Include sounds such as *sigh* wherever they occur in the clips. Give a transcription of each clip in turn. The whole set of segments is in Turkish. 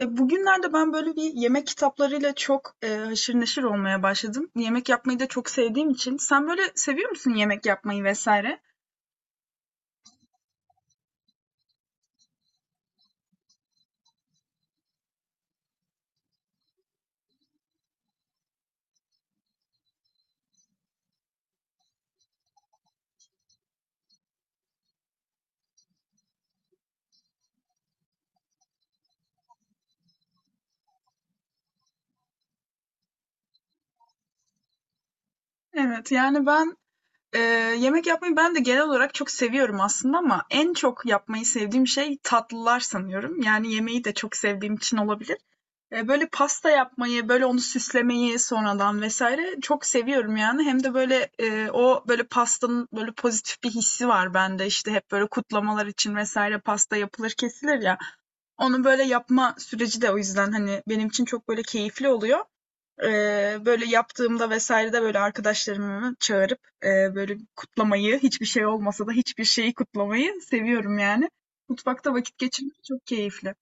Bugünlerde ben böyle bir yemek kitaplarıyla çok, haşır neşir olmaya başladım. Yemek yapmayı da çok sevdiğim için. Sen böyle seviyor musun yemek yapmayı vesaire? Evet, yani ben eee, yemek yapmayı ben de genel olarak çok seviyorum aslında ama en çok yapmayı sevdiğim şey tatlılar sanıyorum. Yani yemeği de çok sevdiğim için olabilir. Böyle pasta yapmayı, böyle onu süslemeyi sonradan vesaire çok seviyorum yani. Hem de böyle, o böyle pastanın böyle pozitif bir hissi var bende. İşte hep böyle kutlamalar için vesaire pasta yapılır, kesilir ya. Onu böyle yapma süreci de o yüzden hani benim için çok böyle keyifli oluyor. Böyle yaptığımda vesaire de böyle arkadaşlarımı çağırıp, böyle kutlamayı, hiçbir şey olmasa da hiçbir şeyi kutlamayı seviyorum yani. Mutfakta vakit geçirmek çok keyifli.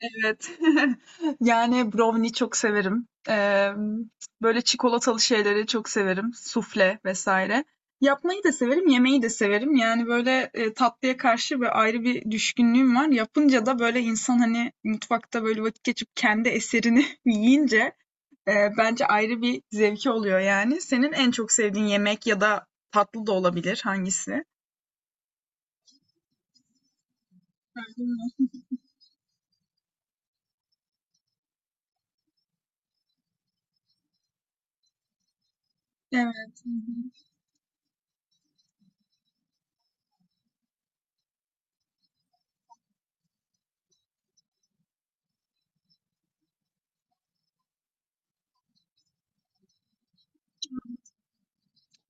Evet. *laughs* Yani brownie çok severim. Böyle çikolatalı şeyleri çok severim. Sufle vesaire. Yapmayı da severim, yemeyi de severim. Yani, böyle, tatlıya karşı böyle ayrı bir düşkünlüğüm var. Yapınca da böyle insan, hani, mutfakta böyle vakit geçirip kendi eserini *laughs* yiyince, bence ayrı bir zevki oluyor yani. Senin en çok sevdiğin yemek ya da tatlı da olabilir, hangisi? Öyle mi? Evet. Hı hı.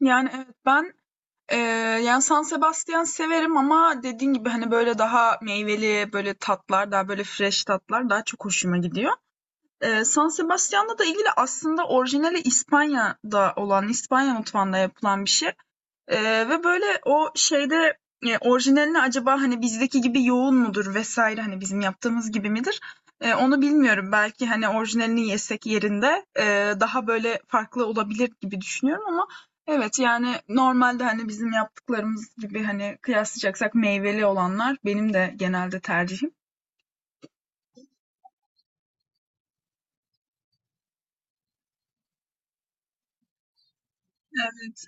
Yani, evet, ben Eee, yani, San Sebastian severim ama dediğin gibi, hani, böyle daha meyveli, böyle tatlar, daha böyle fresh tatlar daha çok hoşuma gidiyor. San Sebastian'la da ilgili aslında orijinali İspanya'da olan, İspanya mutfağında yapılan bir şey. Ve böyle o şeyde, orijinalini acaba, hani, bizdeki gibi yoğun mudur vesaire hani, bizim yaptığımız gibi midir, onu bilmiyorum. Belki, hani, orijinalini yesek yerinde, daha böyle farklı olabilir gibi düşünüyorum ama evet, yani, normalde, hani, bizim yaptıklarımız gibi, hani, kıyaslayacaksak meyveli olanlar benim de genelde tercihim. Evet,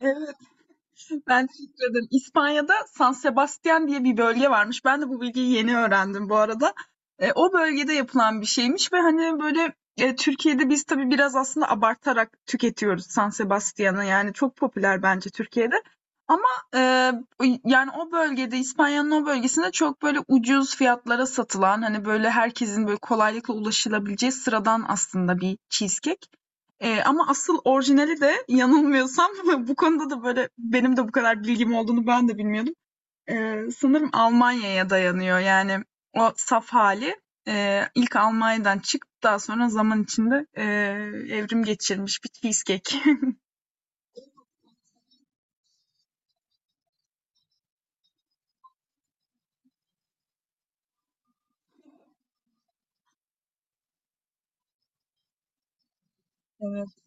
evet. *laughs* Ben teşekkür ederim. İspanya'da San Sebastian diye bir bölge varmış. Ben de bu bilgiyi yeni öğrendim bu arada. E, o bölgede yapılan bir şeymiş ve hani böyle e, Türkiye'de biz tabii biraz aslında abartarak tüketiyoruz San Sebastian'ı. Yani çok popüler bence Türkiye'de. Ama e, yani o bölgede İspanya'nın o bölgesinde çok böyle ucuz fiyatlara satılan hani böyle herkesin böyle kolaylıkla ulaşılabileceği sıradan aslında bir cheesecake. Ama asıl orijinali de yanılmıyorsam *laughs* bu konuda da, böyle, benim de bu kadar bilgim olduğunu ben de bilmiyordum. Sanırım Almanya'ya dayanıyor. Yani o saf hali, ilk Almanya'dan çıkıp daha sonra zaman içinde, evrim geçirmiş bir cheesecake. *laughs* Evet.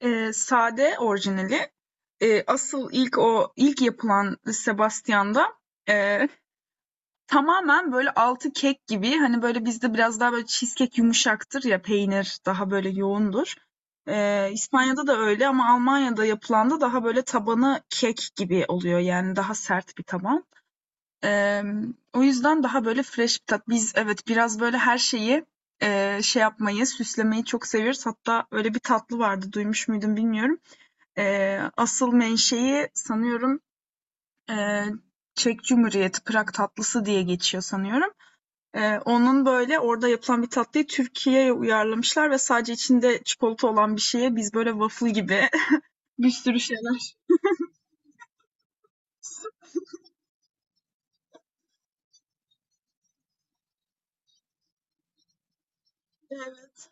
Sade orijinali. Asıl ilk o ilk yapılan Sebastian'da, eee tamamen böyle altı kek gibi, hani, böyle, bizde biraz daha böyle cheesecake yumuşaktır ya, peynir daha böyle yoğundur. İspanya'da da öyle ama Almanya'da yapılan da daha böyle tabanı kek gibi oluyor, yani daha sert bir taban. O yüzden daha böyle fresh bir tat. Biz evet, biraz böyle her şeyi, şey yapmayı, süslemeyi çok seviyoruz. Hatta öyle bir tatlı vardı, duymuş muydun bilmiyorum. Asıl menşei sanıyorum, eee, Çek Cumhuriyeti, Prag tatlısı diye geçiyor sanıyorum. Onun böyle orada yapılan bir tatlıyı Türkiye'ye uyarlamışlar ve sadece içinde çikolata olan bir şeye biz böyle waffle gibi *laughs* bir sürü şeyler. Evet.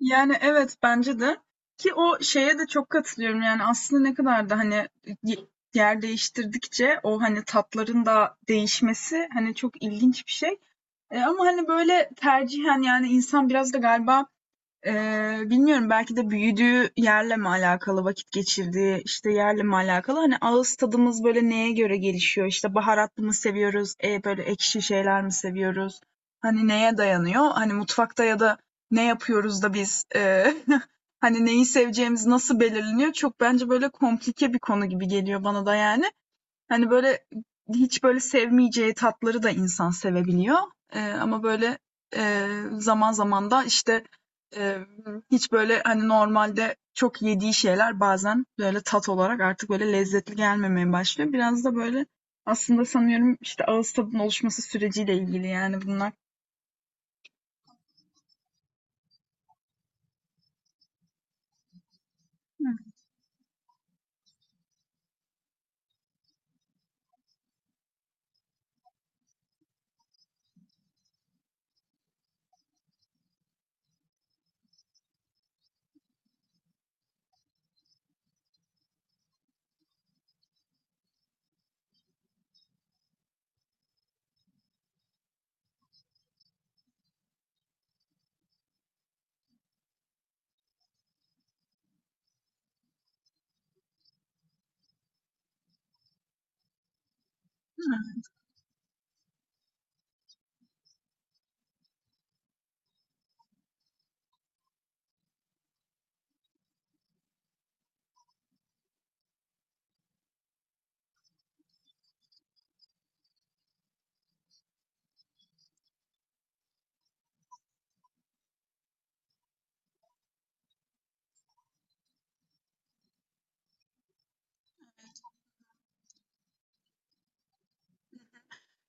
Yani, evet, bence de ki o şeye de çok katılıyorum. Yani, aslında ne kadar da, hani, y yer değiştirdikçe o, hani, tatların da değişmesi, hani, çok ilginç bir şey. Ama, hani, böyle tercihen, yani, insan biraz da galiba, bilmiyorum belki de büyüdüğü yerle mi alakalı, vakit geçirdiği, işte, yerle mi alakalı? Hani ağız tadımız böyle neye göre gelişiyor? İşte baharatlı mı seviyoruz, e böyle ekşi şeyler mi seviyoruz? Hani neye dayanıyor? Hani mutfakta ya da ne yapıyoruz da biz, *laughs* hani neyi seveceğimiz nasıl belirleniyor? Çok bence böyle komplike bir konu gibi geliyor bana da yani. Hani, böyle, hiç, böyle, sevmeyeceği tatları da insan sevebiliyor. Ama, böyle, zaman zaman da, işte, hiç, böyle, hani, normalde çok yediği şeyler bazen, böyle, tat olarak artık, böyle, lezzetli gelmemeye başlıyor. Biraz da, böyle, aslında sanıyorum, işte, ağız tadının oluşması süreciyle ilgili, yani, bunlar. Hıh. Değil mi?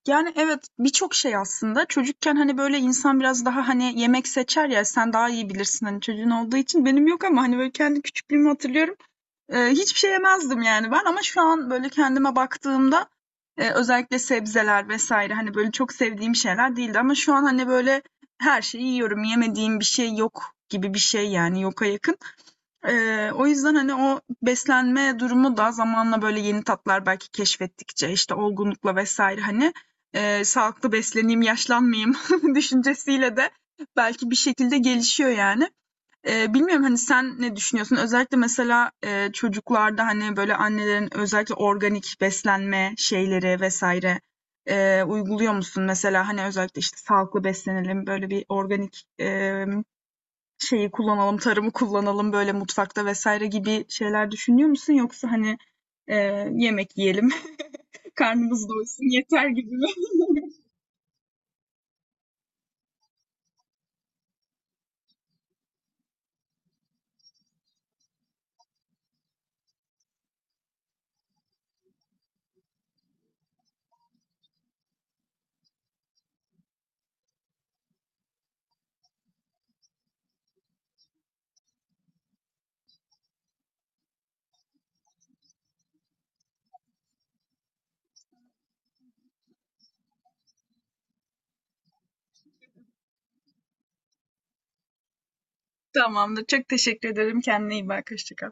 Yani, evet, birçok şey aslında. Çocukken, hani, böyle, insan biraz daha, hani, yemek seçer ya, sen daha iyi bilirsin, hani, çocuğun olduğu için. Benim yok ama, hani, böyle, kendi küçüklüğümü hatırlıyorum. Hiçbir şey yemezdim yani ben ama şu an, böyle, kendime baktığımda, özellikle sebzeler vs. hani, böyle, çok sevdiğim şeyler değildi ama şu an, hani, böyle, her şeyi yiyorum, yemediğim bir şey yok gibi bir şey, yani, yoka yakın. O yüzden, hani, o beslenme durumu da zamanla, böyle, yeni tatlar belki keşfettikçe, işte, olgunlukla vs. hani, sağlıklı besleneyim, yaşlanmayayım *laughs* düşüncesiyle de belki bir şekilde gelişiyor, yani. Bilmiyorum, hani, sen ne düşünüyorsun? Özellikle mesela, çocuklarda, hani, böyle annelerin özellikle organik beslenme şeyleri vesaire, uyguluyor musun? Mesela, hani, özellikle, işte, sağlıklı beslenelim, böyle bir organik, şeyi kullanalım, tarımı kullanalım böyle mutfakta vesaire gibi şeyler düşünüyor musun? Yoksa, hani, yemek yiyelim, *laughs* karnımız doysun yeter gibi mi? *laughs* Tamamdır. Çok teşekkür ederim. Kendine iyi bak. Hoşça kal.